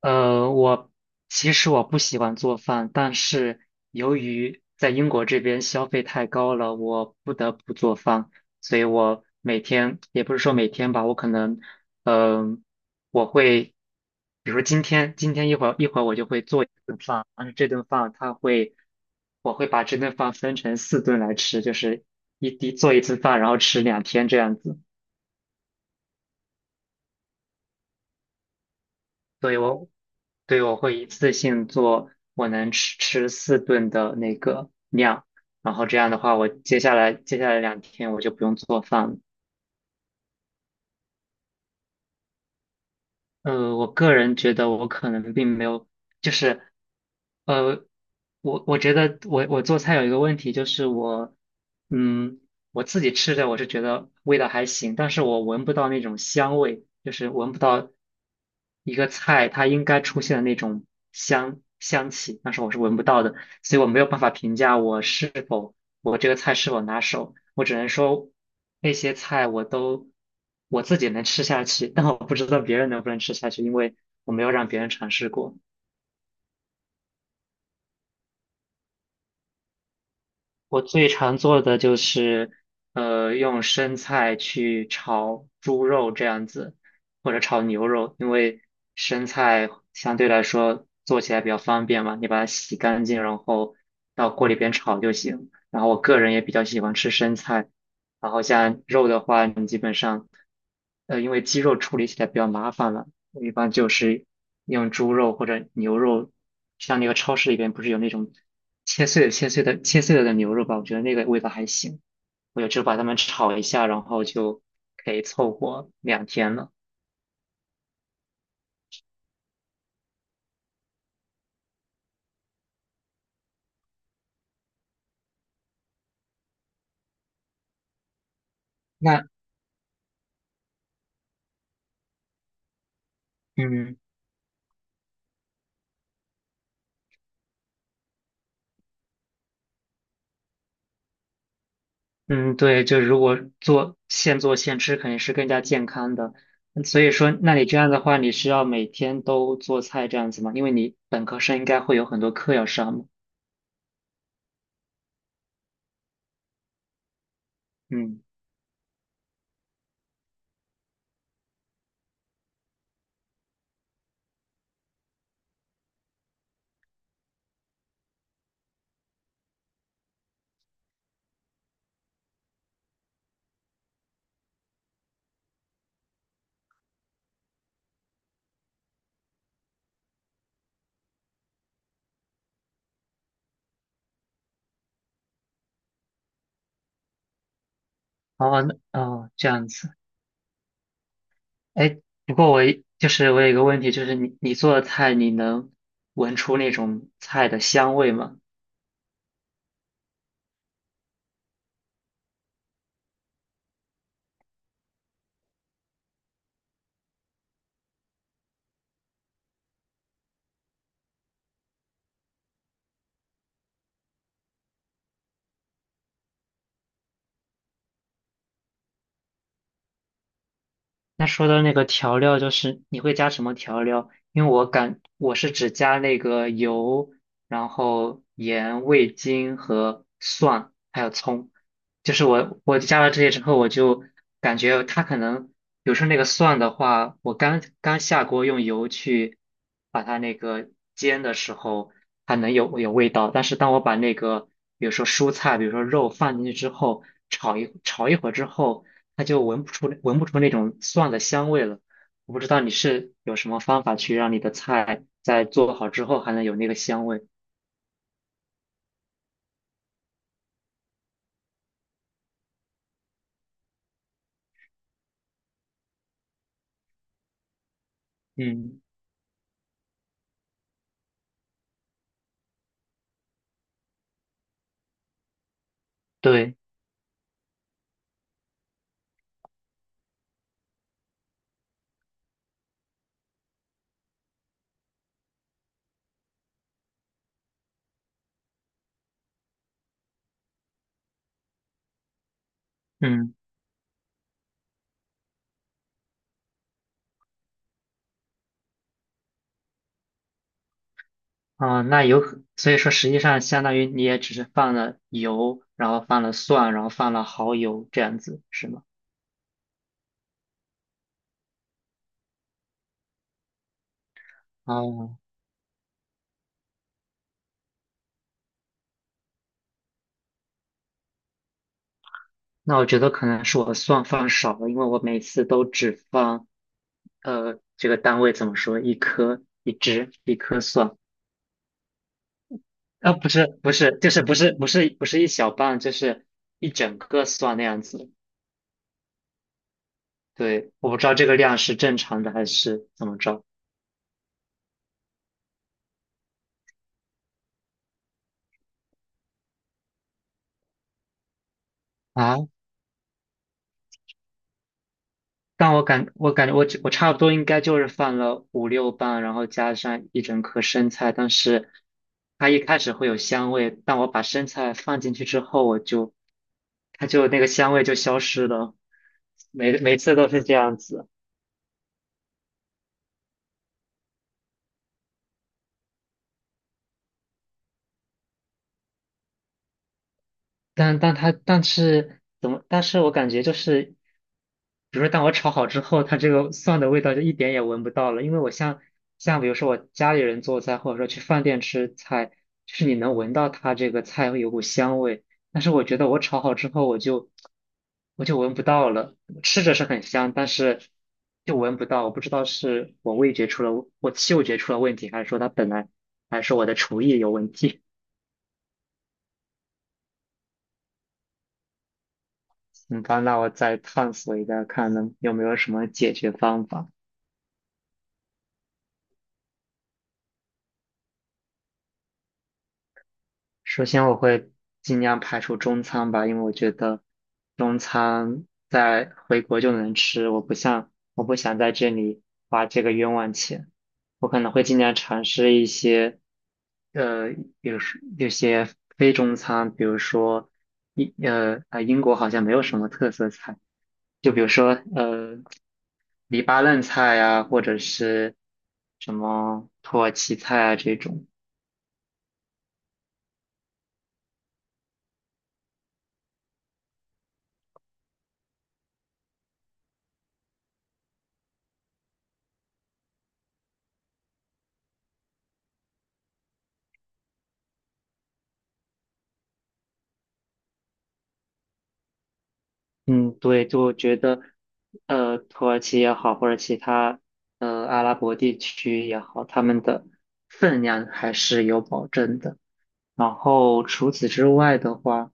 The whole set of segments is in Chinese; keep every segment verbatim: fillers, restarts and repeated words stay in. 呃，我其实我不喜欢做饭，但是由于在英国这边消费太高了，我不得不做饭，所以我每天也不是说每天吧，我可能，嗯、我会，比如说今天，今天一会儿一会儿我就会做一顿饭，但是这顿饭它会，我会把这顿饭分成四顿来吃，就是一滴做一次饭，然后吃两天这样子。所以我对，我会一次性做我能吃吃四顿的那个量，然后这样的话，我接下来接下来两天我就不用做饭了。呃，我个人觉得我可能并没有，就是呃，我我觉得我我做菜有一个问题，就是我嗯我自己吃着我是觉得味道还行，但是我闻不到那种香味，就是闻不到一个菜它应该出现的那种香香气，但是我是闻不到的。所以我没有办法评价我是否我这个菜是否拿手，我只能说那些菜我都我自己能吃下去，但我不知道别人能不能吃下去，因为我没有让别人尝试过。我最常做的就是，呃，用生菜去炒猪肉这样子，或者炒牛肉，因为生菜相对来说做起来比较方便嘛，你把它洗干净，然后到锅里边炒就行。然后我个人也比较喜欢吃生菜，然后像肉的话，你基本上，呃，因为鸡肉处理起来比较麻烦了，我一般就是用猪肉或者牛肉，像那个超市里边不是有那种。切碎了、切碎的切碎了的牛肉吧，我觉得那个味道还行。我就只把它们炒一下，然后就可以凑合两天了。那嗯嗯，对，就如果做现做现吃，肯定是更加健康的。嗯所以说，那你这样的话，你是要每天都做菜这样子吗？因为你本科生应该会有很多课要上嘛。嗯，哦那哦，这样子。哎，不过我一就是我有一个问题，就是你你做的菜，你能闻出那种菜的香味吗？那说到那个调料，就是你会加什么调料？因为我感我是只加那个油，然后盐、味精和蒜，还有葱。就是我我加了这些之后，我就感觉它可能，比如说那个蒜的话，我刚刚下锅用油去把它那个煎的时候，它能有有味道。但是当我把那个比如说蔬菜，比如说肉放进去之后，炒一炒一会儿之后。它就闻不出闻不出那种蒜的香味了。我不知道你是有什么方法去让你的菜在做好之后还能有那个香味。嗯，对，嗯，啊、那有可所以说实际上相当于你也只是放了油，然后放了蒜，然后放了蚝油这样子，是吗？哦，那我觉得可能是我蒜放少了，因为我每次都只放，呃，这个单位怎么说，一颗一只一颗蒜。啊，不是不是，就是不是不是不是一小半，就是一整个蒜那样子。对，我不知道这个量是正常的还是怎么着啊？但我感我感觉我只我差不多应该就是放了五六瓣，然后加上一整颗生菜，但是它一开始会有香味，但我把生菜放进去之后，我就它就那个香味就消失了，每每次都是这样子。但但它但是怎么？但是我感觉就是，比如说，当我炒好之后，它这个蒜的味道就一点也闻不到了。因为我像像比如说我家里人做菜，或者说去饭店吃菜，就是你能闻到它这个菜会有股香味，但是我觉得我炒好之后，我就我就闻不到了。吃着是很香，但是就闻不到。我不知道是我味觉出了，我嗅觉出了问题，还是说它本来还是我的厨艺有问题。行吧，那我再探索一下，看能有没有什么解决方法。首先，我会尽量排除中餐吧，因为我觉得中餐在回国就能吃，我不像我不想在这里花这个冤枉钱。我可能会尽量尝试一些，呃，有时有些非中餐，比如说英呃啊英国好像没有什么特色菜，就比如说呃黎巴嫩菜呀、或者是什么土耳其菜啊这种。嗯，对，就觉得，呃，土耳其也好，或者其他呃阿拉伯地区也好，他们的分量还是有保证的。然后除此之外的话，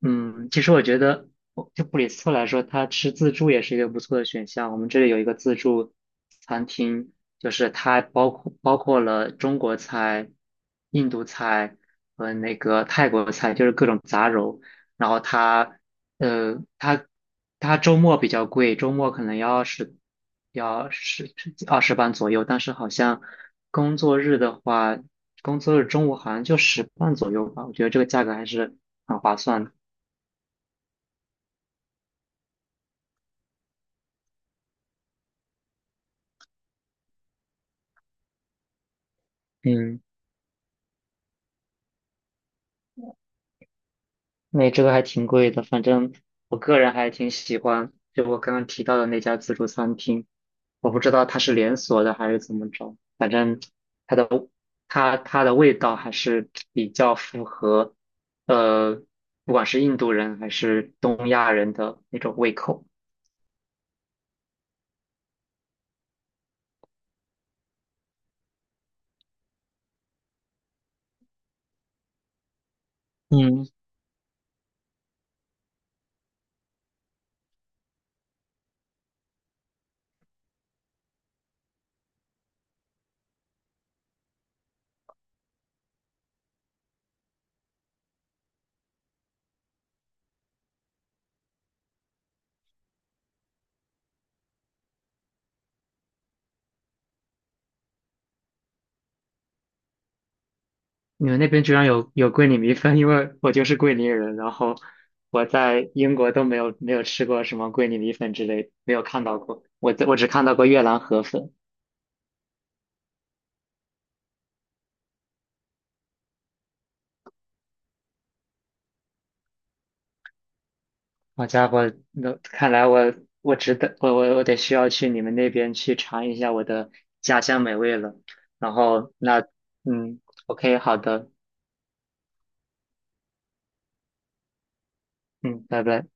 嗯，其实我觉得，就布里斯托来说，它吃自助也是一个不错的选项。我们这里有一个自助餐厅，就是它包括包括了中国菜、印度菜和那个泰国菜，就是各种杂糅。然后它，呃，它它周末比较贵，周末可能要十要十二十磅左右，但是好像工作日的话，工作日中午好像就十磅左右吧。我觉得这个价格还是很划算的。嗯，那这个还挺贵的，反正我个人还挺喜欢，就我刚刚提到的那家自助餐厅，我不知道它是连锁的还是怎么着，反正它的它它的味道还是比较符合，呃，不管是印度人还是东亚人的那种胃口。嗯，你们那边居然有有桂林米粉，因为我就是桂林人，然后我在英国都没有没有吃过什么桂林米粉之类的没有看到过。我在我只看到过越南河粉。好家伙，那看来我我值得我我我得需要去你们那边去尝一下我的家乡美味了。然后那嗯，OK,好的，嗯，拜拜。